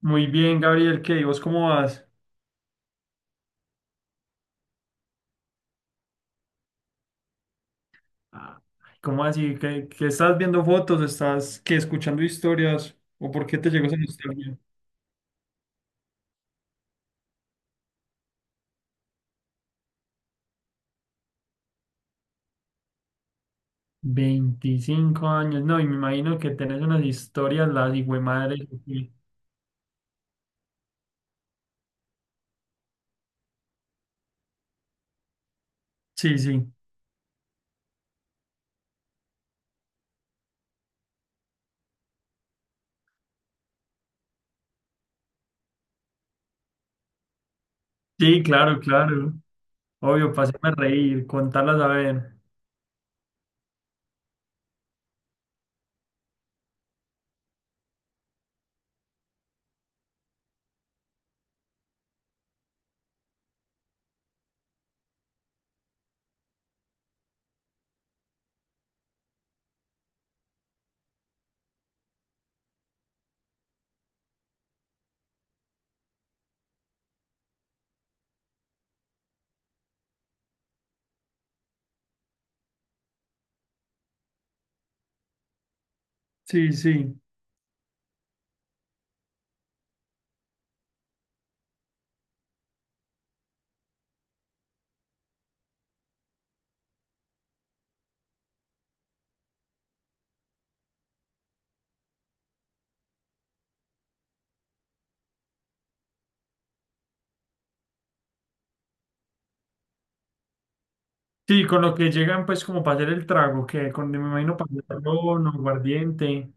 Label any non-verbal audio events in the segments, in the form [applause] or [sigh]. Muy bien, Gabriel, ¿qué? ¿Y vos cómo vas? Ah, ¿cómo así? ¿Qué estás viendo fotos? ¿Estás qué, escuchando historias? ¿O por qué te llegó esa nostalgia? Veinticinco años, no, y me imagino que tenés unas historias, las madre. Sí, sí. Sí. Sí, claro, claro. Obvio, para hacerme reír, contarlas a ver. Sí, sí. Sí, con lo que llegan, pues, como para hacer el trago, que con, me imagino, para hacer ron o aguardiente.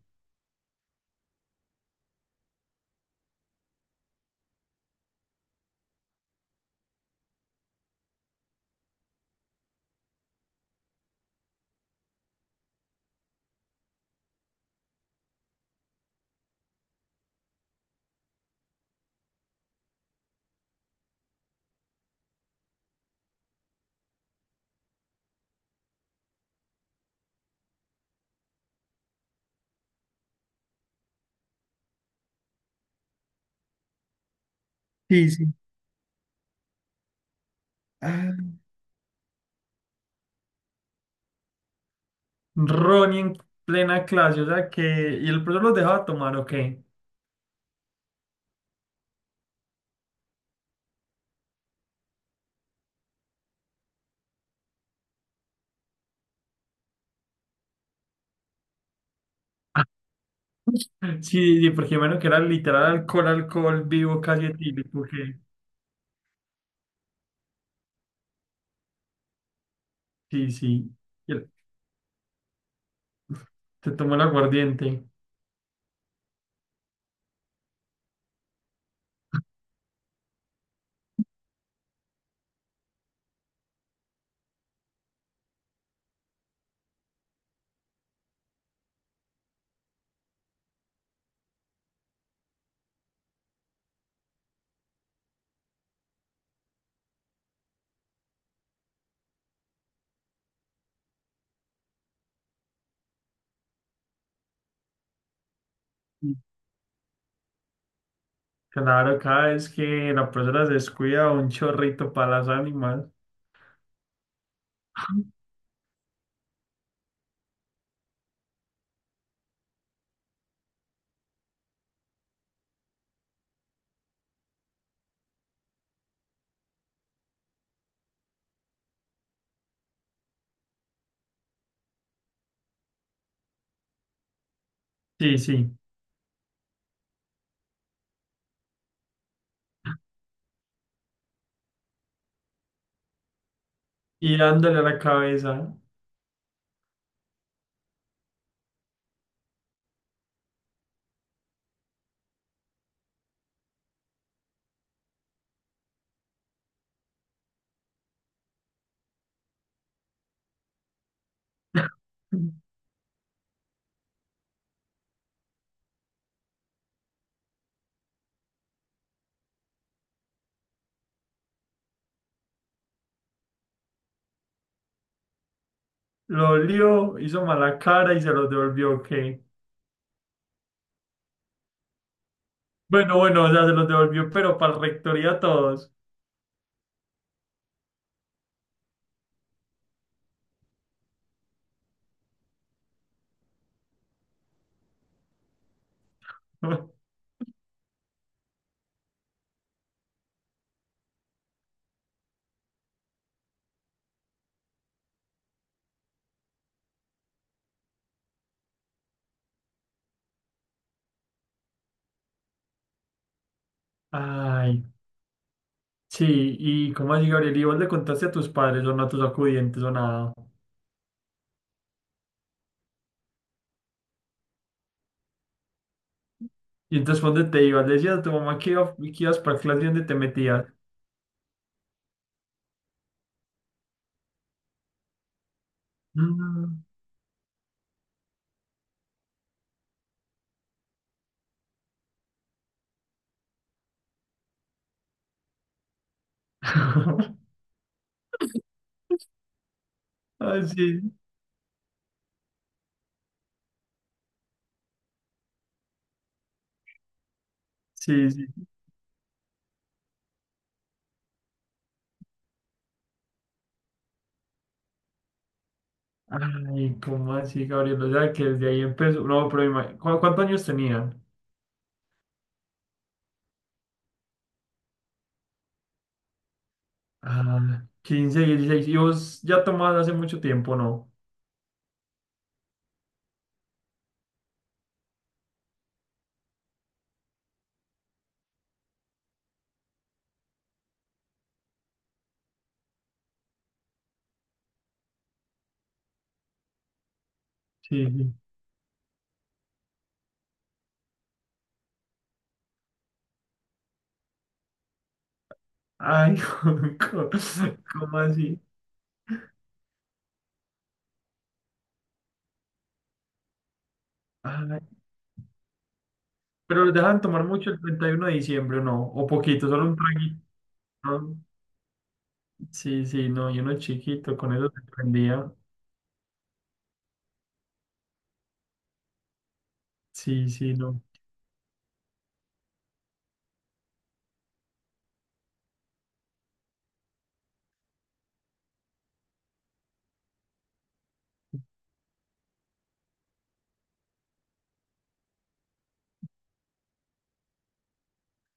Sí, sí. Ronnie en plena clase, o sea que. ¿Y el profesor los dejaba tomar o qué? [laughs] Sí, sí, porque menos que era literal alcohol, alcohol vivo, casi etílico, que. Sí, sí. Y el- Te tomó el aguardiente. Y claro, cada vez que la profesora se descuida, un chorrito para las ánimas. Sí, sí. Y dándole a la cabeza. [laughs] Lo olió, hizo mala cara y se los devolvió, ok. Bueno, bueno, o sea, se los devolvió, pero para la rectoría a todos. [laughs] Ay, sí, y cómo así, Gabriel, y vos le contaste a tus padres o no a tus acudientes o nada. Y entonces, ¿dónde te ibas? Le decías a tu mamá que, que ibas para clase y dónde te metías. Mm. [laughs] Ay, sí, sí, sí. Ay, ¿cómo así, Gabriel? O sea, que desde ahí empezó. No, pero ¿cuántos años tenían? Ah, 15, 16. Y vos ya tomabas hace mucho tiempo, ¿no? Sí, sí. Ay, [laughs] ¿cómo cómo así? Ay, pero los dejan tomar mucho el 31 de diciembre, ¿o no? O poquito, solo un traguito. ¿No? Sí, sí, no, yo uno chiquito, con eso se prendía. Sí, sí, no.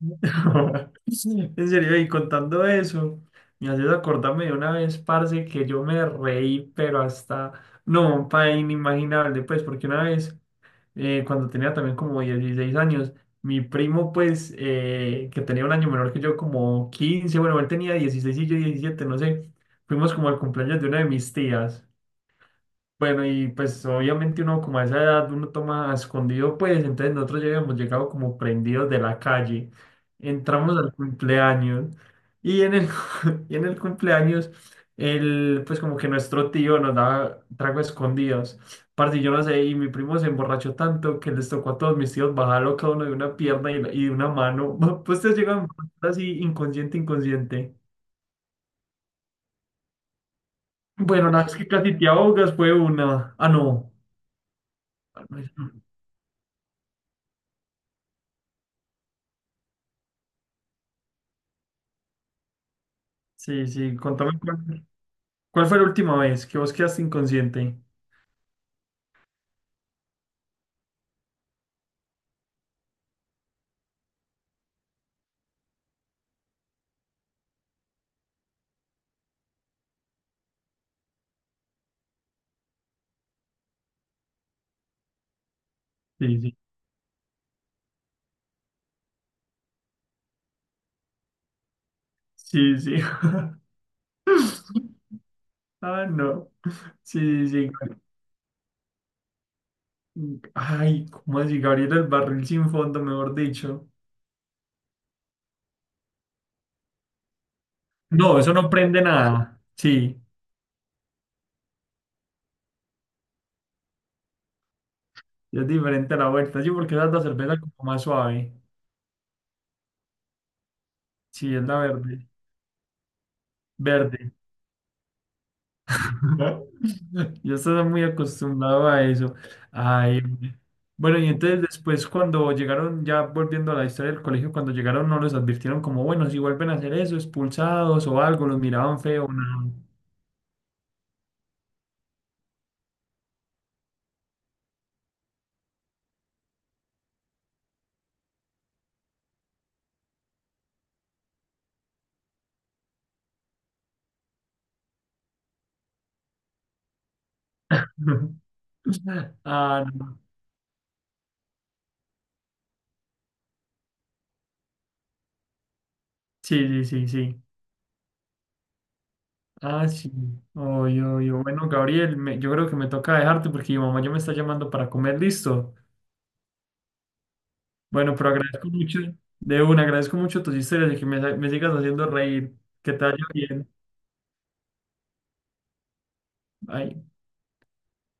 [laughs] En serio, y contando eso, me haces acordarme de una vez, parce, que yo me reí, pero hasta, no, pa, inimaginable, pues, porque una vez cuando tenía también como 16 años. Mi primo, pues, que tenía un año menor que yo, como quince, bueno, él tenía 16 y yo diecisiete, no sé. Fuimos como al cumpleaños de una de mis tías. Bueno, y pues obviamente uno como a esa edad uno toma a escondido, pues entonces nosotros ya habíamos llegado como prendidos de la calle. Entramos al cumpleaños y en el, [laughs] y en el cumpleaños, el, pues como que nuestro tío nos daba trago escondidos. Parce, yo no sé, y mi primo se emborrachó tanto que les tocó a todos mis tíos bajarlo cada uno de una pierna y de una mano. [laughs] Pues te llegan así inconsciente, inconsciente. Bueno, la vez que casi te ahogas fue una... Ah, no. Sí, sí, contame cuál, cuál fue la última vez que vos quedaste inconsciente. Sí, sí, sí, sí. [laughs] Ah, no. Sí, sí, sí. Ay, ¿cómo así? Gabriel, el barril sin fondo, mejor dicho. No, eso no prende nada. Sí, es diferente a la vuelta. Sí, porque esa es la cerveza como más suave. Sí, es la verde. Verde. [laughs] Yo estaba muy acostumbrado a eso. Ay, bueno, y entonces después cuando llegaron, ya volviendo a la historia del colegio, cuando llegaron no los advirtieron como, bueno, si vuelven a hacer eso, expulsados o algo, los miraban feo, no. [laughs] Ah, no. Sí, sí, sí, sí. Ah, sí. Oh, yo, yo. Bueno, Gabriel, yo creo que me toca dejarte porque mi mamá ya me está llamando para comer, listo. Bueno, pero agradezco mucho, de una, agradezco mucho tus historias y que me sigas haciendo reír. Que te vaya bien. Bye.